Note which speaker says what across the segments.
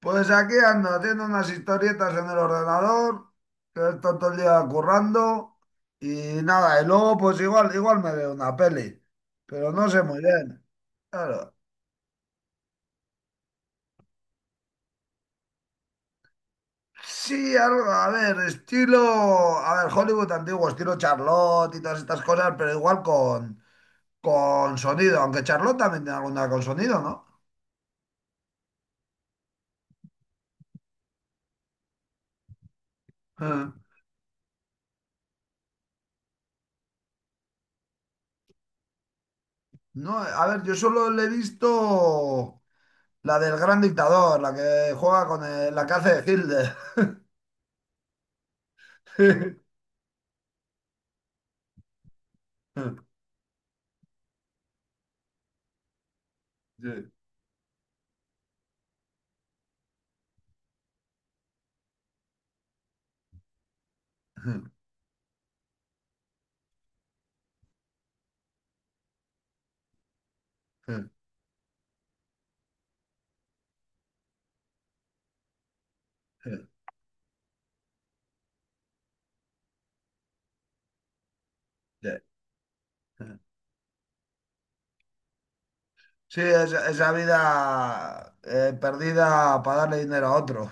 Speaker 1: Pues aquí ando haciendo unas historietas en el ordenador, que he estado todo el día currando y nada, y luego pues igual, igual me veo una peli, pero no sé muy bien. Claro. Sí, algo, a ver, estilo, a ver, Hollywood antiguo, estilo Charlotte y todas estas cosas, pero igual con sonido, aunque Charlotte también tiene alguna con sonido, ¿no? Eh, No, a ver, yo solo le he visto la del gran dictador, la que juega con la que hace de Hitler. Sí, esa vida perdida para darle dinero a otro.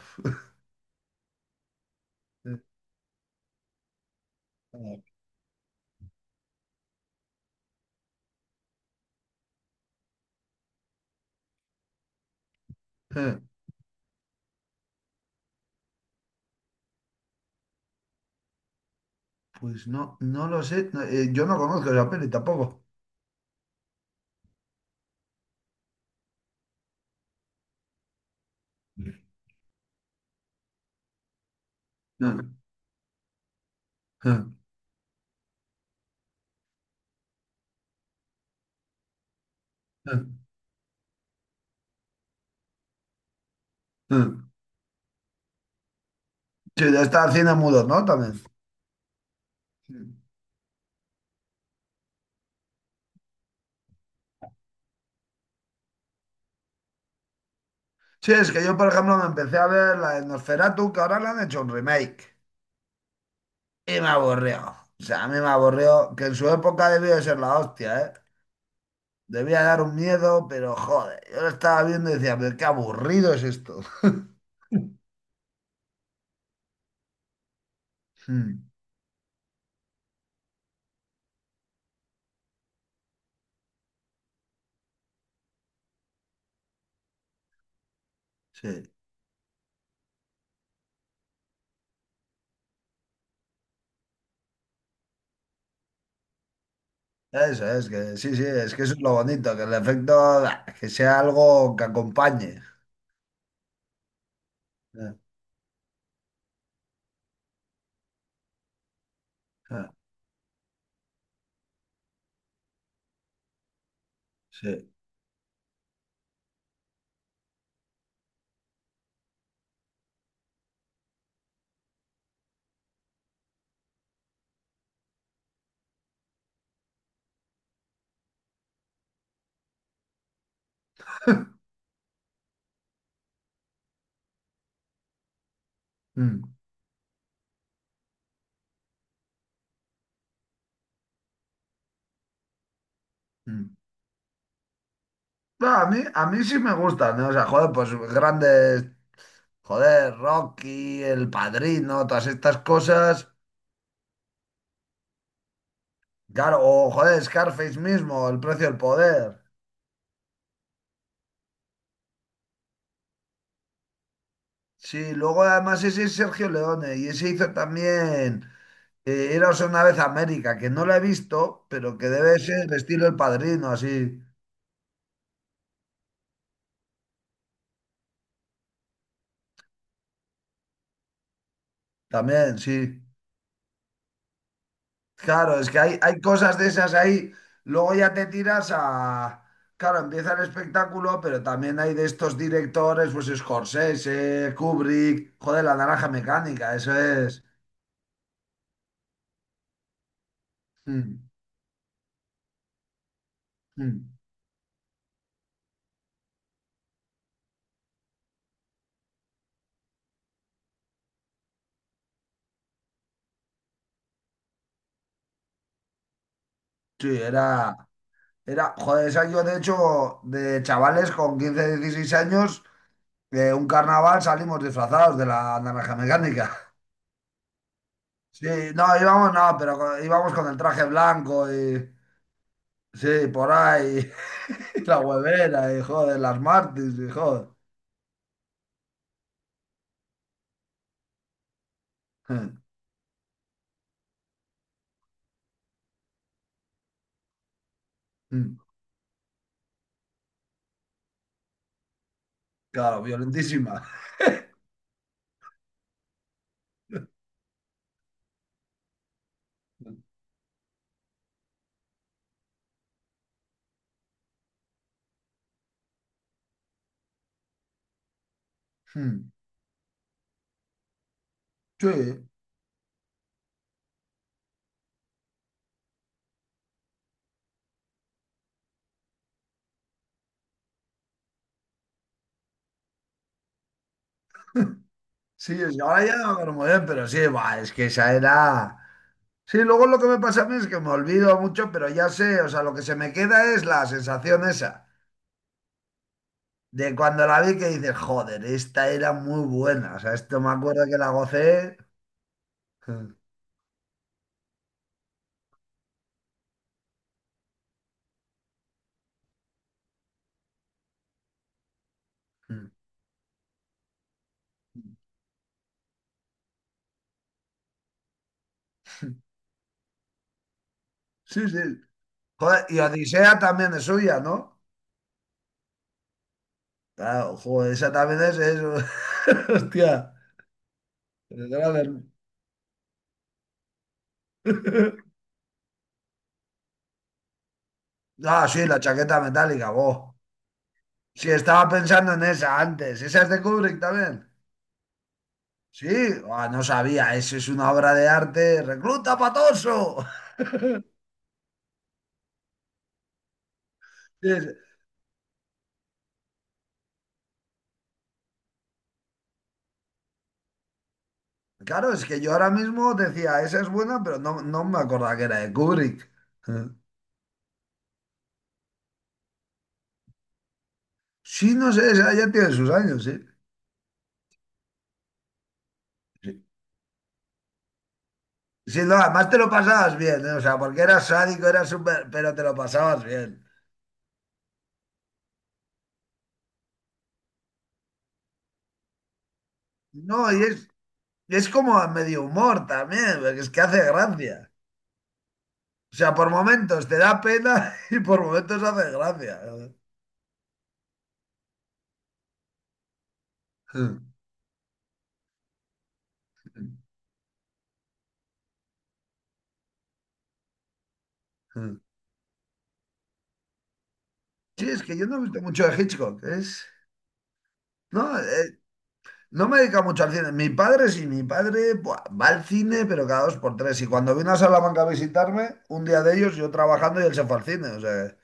Speaker 1: Pues no, no lo sé. No, yo no conozco esa peli tampoco. Sí, de estar cine mudo, ¿no? También. Sí, es que yo, por ejemplo, me empecé a ver la de Nosferatu, que ahora le han hecho un remake. Y me aburrió. O sea, a mí me aburrió, que en su época debió de ser la hostia, ¿eh? Debía dar un miedo, pero joder, yo lo estaba viendo y decía, pero qué aburrido es esto. Mm. Sí, eso es que, sí, sí, es que eso es lo bonito, que el efecto, ah, que sea algo que acompañe. Ah, ah, sí. Mm, mm. No, a mí sí me gustan, ¿no? O sea, joder, pues grandes, joder, Rocky, El Padrino, todas estas cosas. Claro, o joder, Scarface mismo, El Precio del Poder. Sí, luego además ese es Sergio Leone y ese hizo también. Iros una vez a América, que no la he visto, pero que debe ser estilo El Padrino, así. También, sí. Claro, es que hay cosas de esas ahí. Luego ya te tiras a... Claro, empieza el espectáculo, pero también hay de estos directores, pues Scorsese, Kubrick, joder, La Naranja Mecánica, eso es. Mm, mm. Sí, joder, esa yo de hecho, de chavales con 15 16 años, de un carnaval salimos disfrazados de La Naranja Mecánica. Sí, no, íbamos, no, pero íbamos con el traje blanco y sí, por ahí, y la huevera y joder, las Martins y joder. Mm. Claro, violentísima. Mm. Sí, sí, ahora ya no me acuerdo muy bien, pero sí, va, es que esa era. Sí, luego lo que me pasa a mí es que me olvido mucho, pero ya sé, o sea, lo que se me queda es la sensación esa, de cuando la vi que dices, joder, esta era muy buena, o sea, esto me acuerdo que la gocé. Mm, mm. Sí, sí. Joder, y Odisea también es suya, ¿no? Claro, joder, esa también es... Hostia. Pero te la ven. Ah, sí, la chaqueta metálica, vos. Sí, estaba pensando en esa antes. ¿Esa es de Kubrick también? Sí, ah, no sabía. Eso es una obra de arte. ¡Recluta patoso! Sí, claro, es que yo ahora mismo decía, esa es buena, pero no, no me acordaba que era de Kubrick. Sí, no sé, esa ya tiene sus años, sí. Sí. Sí, no, además te lo pasabas bien, ¿eh? O sea, porque eras sádico, eras súper, pero te lo pasabas bien. No, y es como a medio humor también, porque es que hace gracia. O sea, por momentos te da pena y por momentos hace gracia. Sí, es que yo no he visto mucho de Hitchcock, es... No, no me dedico mucho al cine. Mi padre sí, mi padre buah, va al cine, pero cada dos por tres. Y cuando vino a Salamanca a visitarme, un día de ellos yo trabajando y él se fue al cine, o sea...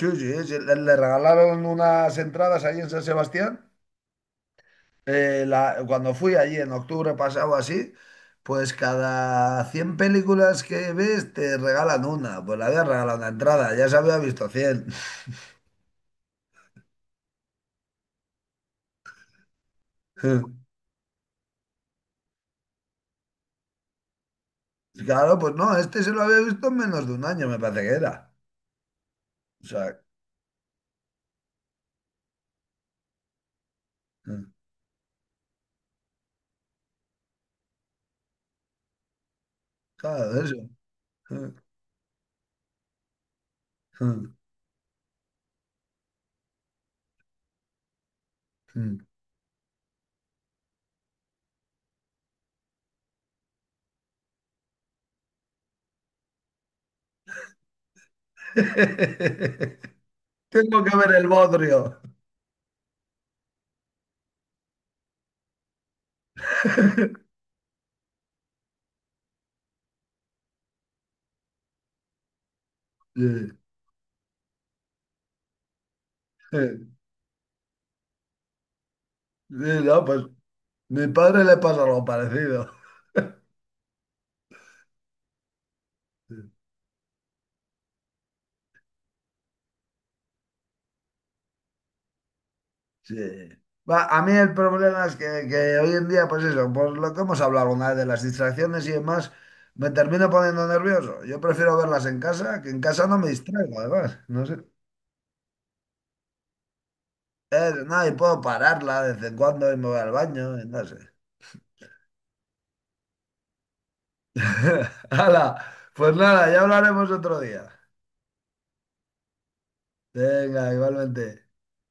Speaker 1: Sí, sí, sí, le regalaron unas entradas ahí en San Sebastián. Cuando fui allí en octubre pasado así, pues cada 100 películas que ves te regalan una. Pues le habían regalado una entrada, ya se había visto 100. Claro, pues no, este se lo había visto en menos de un año, me parece que era. O sea, claro, eso. Tengo que ver el bodrio. Sí, sí, no, pues mi padre le pasa algo parecido. Sí. Va, a mí el problema es que hoy en día, pues eso, por lo que hemos hablado alguna vez de las distracciones y demás, me termino poniendo nervioso. Yo prefiero verlas en casa, que en casa no me distraigo, además. No sé. No, y puedo pararla de vez en cuando y me voy al baño, y no sé. Hala, pues nada, ya hablaremos otro día. Venga, igualmente.